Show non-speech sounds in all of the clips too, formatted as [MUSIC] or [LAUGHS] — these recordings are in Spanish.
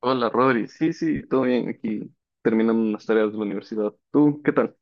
Hola, Rodri. Sí, sí, todo bien aquí, terminando unas tareas de la universidad. ¿Tú qué tal?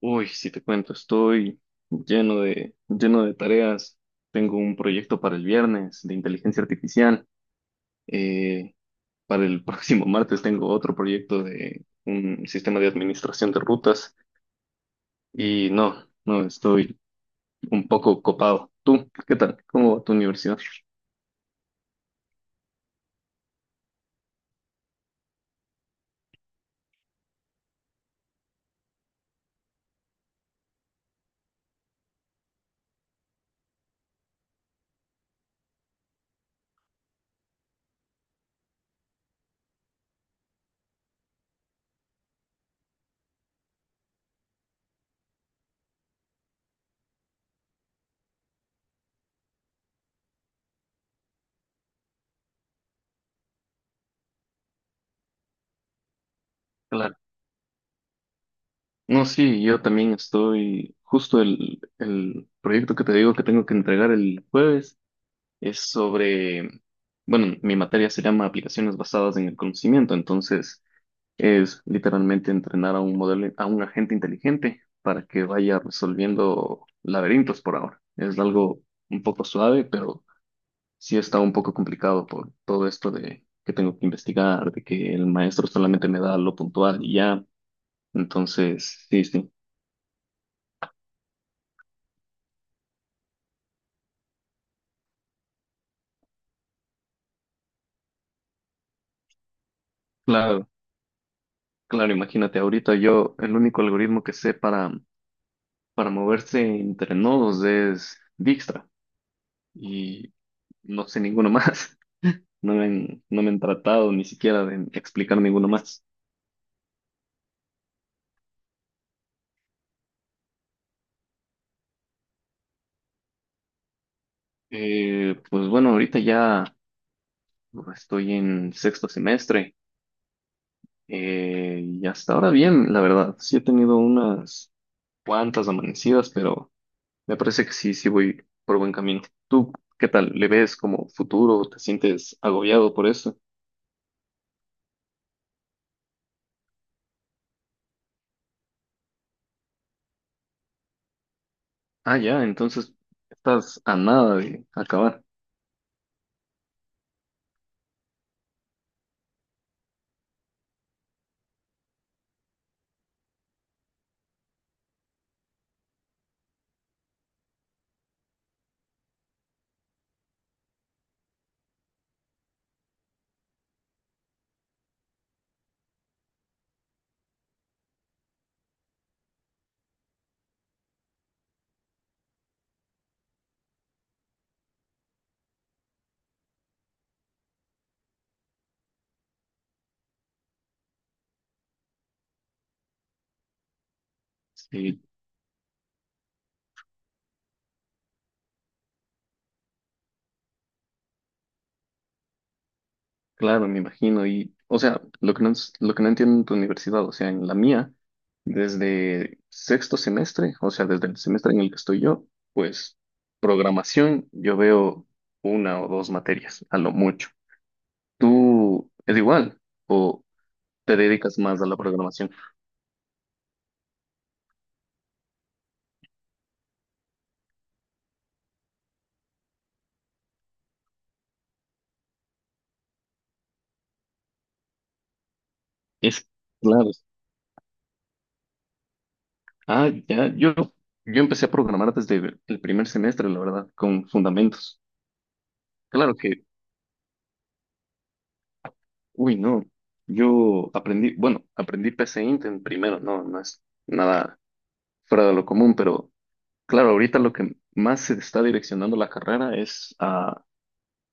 Uy, si te cuento, estoy lleno de tareas. Tengo un proyecto para el viernes de inteligencia artificial. Eh, para el [LAUGHS] próximo martes tengo otro proyecto de un sistema de administración de rutas. Y no, no, estoy un poco copado. ¿Tú qué tal? ¿Cómo va tu universidad? No, sí, yo también estoy, justo el proyecto que te digo que tengo que entregar el jueves es sobre, bueno, mi materia se llama aplicaciones basadas en el conocimiento, entonces es literalmente entrenar a un modelo, a un agente inteligente para que vaya resolviendo laberintos por ahora. Es algo un poco suave, pero sí está un poco complicado por todo esto de que tengo que investigar, de que el maestro solamente me da lo puntual y ya, entonces sí, sí. Claro, claro, imagínate, ahorita yo el único algoritmo que sé para moverse entre nodos es Dijkstra y no sé ninguno [LAUGHS] más. No me han tratado ni siquiera de explicar ninguno más. Pues bueno, ahorita ya estoy en sexto semestre y hasta ahora bien, la verdad. Sí he tenido unas cuantas amanecidas, pero me parece que sí, sí voy por buen camino. ¿Tú qué tal? ¿Le ves como futuro? ¿Te sientes agobiado por eso? Ah, ya, entonces estás a nada de acabar. Sí, claro, me imagino. Y, o sea, lo que no entiendo en tu universidad, o sea, en la mía, desde sexto semestre, o sea, desde el semestre en el que estoy yo, pues programación, yo veo una o dos materias, a lo mucho. ¿Tú es igual o te dedicas más a la programación? Es claro. Ah, ya, yo empecé a programar desde el primer semestre, la verdad, con fundamentos. Claro que uy, no. Yo aprendí, bueno, aprendí P C Int en primero, no, no es nada fuera de lo común, pero claro, ahorita lo que más se está direccionando la carrera es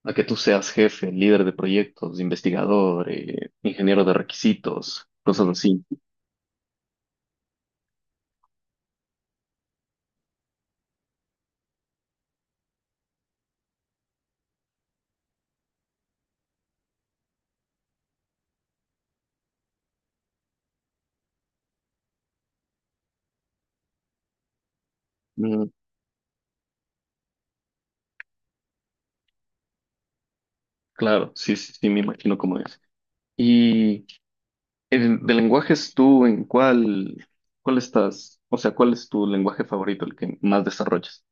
a que tú seas jefe, líder de proyectos, investigador, ingeniero de requisitos, cosas así. Mm, claro, sí, sí, sí, me imagino cómo es. Y el de lenguajes, ¿ cuál estás? O sea, ¿cuál es tu lenguaje favorito, el que más desarrollas?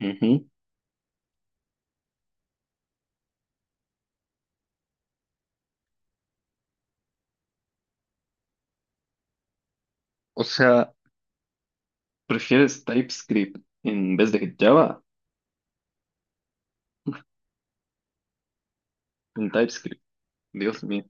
Ujú. O sea, ¿prefieres TypeScript en vez de Java? En TypeScript. Dios mío.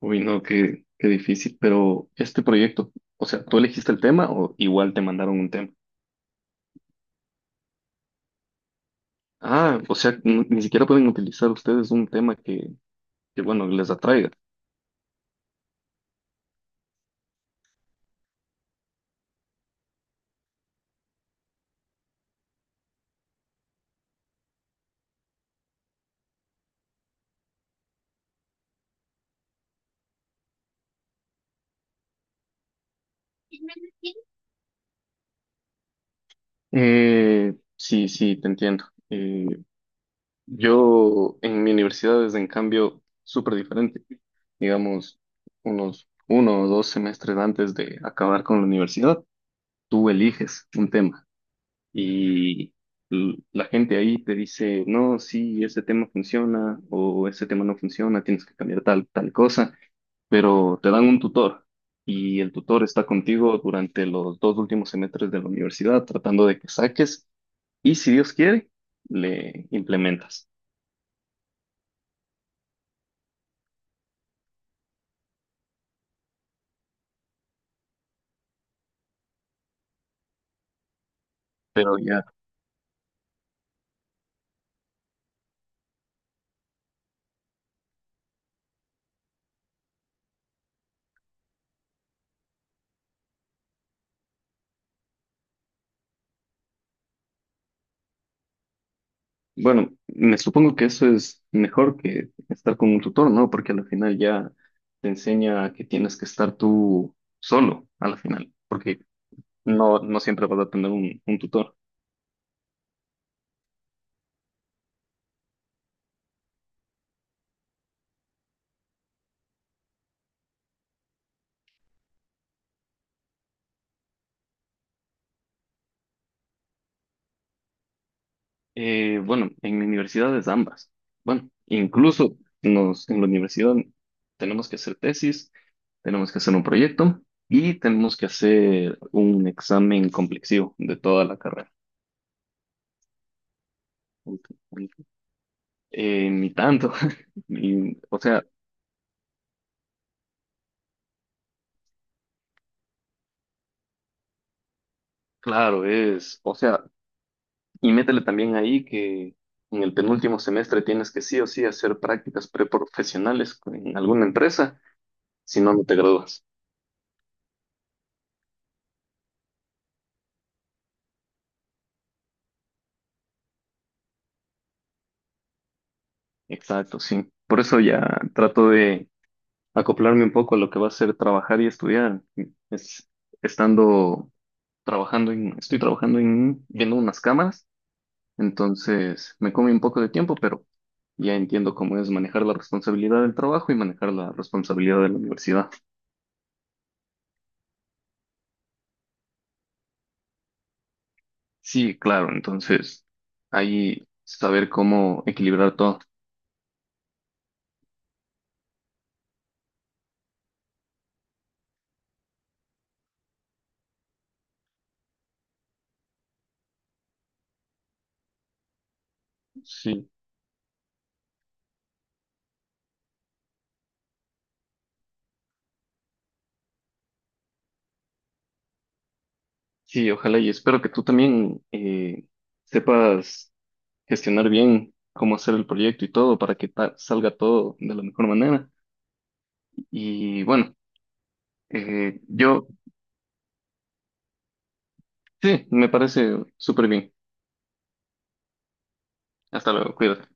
Uy, no, qué difícil. Pero este proyecto, o sea, ¿tú elegiste el tema o igual te mandaron un tema? Ah, o sea, ni siquiera pueden utilizar ustedes un tema que bueno, les atraiga. Sí, sí, te entiendo. Eh, yo en mi universidad es en cambio súper diferente. Digamos, unos uno o dos semestres antes de acabar con la universidad, tú eliges un tema y la gente ahí te dice, no, sí, ese tema funciona o ese tema no funciona, tienes que cambiar tal cosa, pero te dan un tutor y el tutor está contigo durante los dos últimos semestres de la universidad tratando de que saques y si Dios quiere, le implementas. Pero ya, bueno, me supongo que eso es mejor que estar con un tutor, ¿no? Porque al final ya te enseña que tienes que estar tú solo, al final. Porque no siempre vas a tener un tutor. Bueno, en universidades ambas. Bueno, en la universidad tenemos que hacer tesis, tenemos que hacer un proyecto y tenemos que hacer un examen complexivo de toda la carrera. Ni tanto. [LAUGHS] O sea, claro, es, o sea, y métele también ahí que en el penúltimo semestre tienes que sí o sí hacer prácticas preprofesionales en alguna empresa, si no, no te gradúas. Exacto, sí. Por eso ya trato de acoplarme un poco a lo que va a ser trabajar y estudiar. Es, Estando estoy trabajando en viendo unas cámaras, entonces me come un poco de tiempo, pero ya entiendo cómo es manejar la responsabilidad del trabajo y manejar la responsabilidad de la universidad. Sí, claro, entonces ahí saber cómo equilibrar todo. Sí, sí, ojalá y espero que tú también sepas gestionar bien cómo hacer el proyecto y todo para que salga todo de la mejor manera. Y bueno, yo sí, me parece súper bien. Hasta luego, cuídate.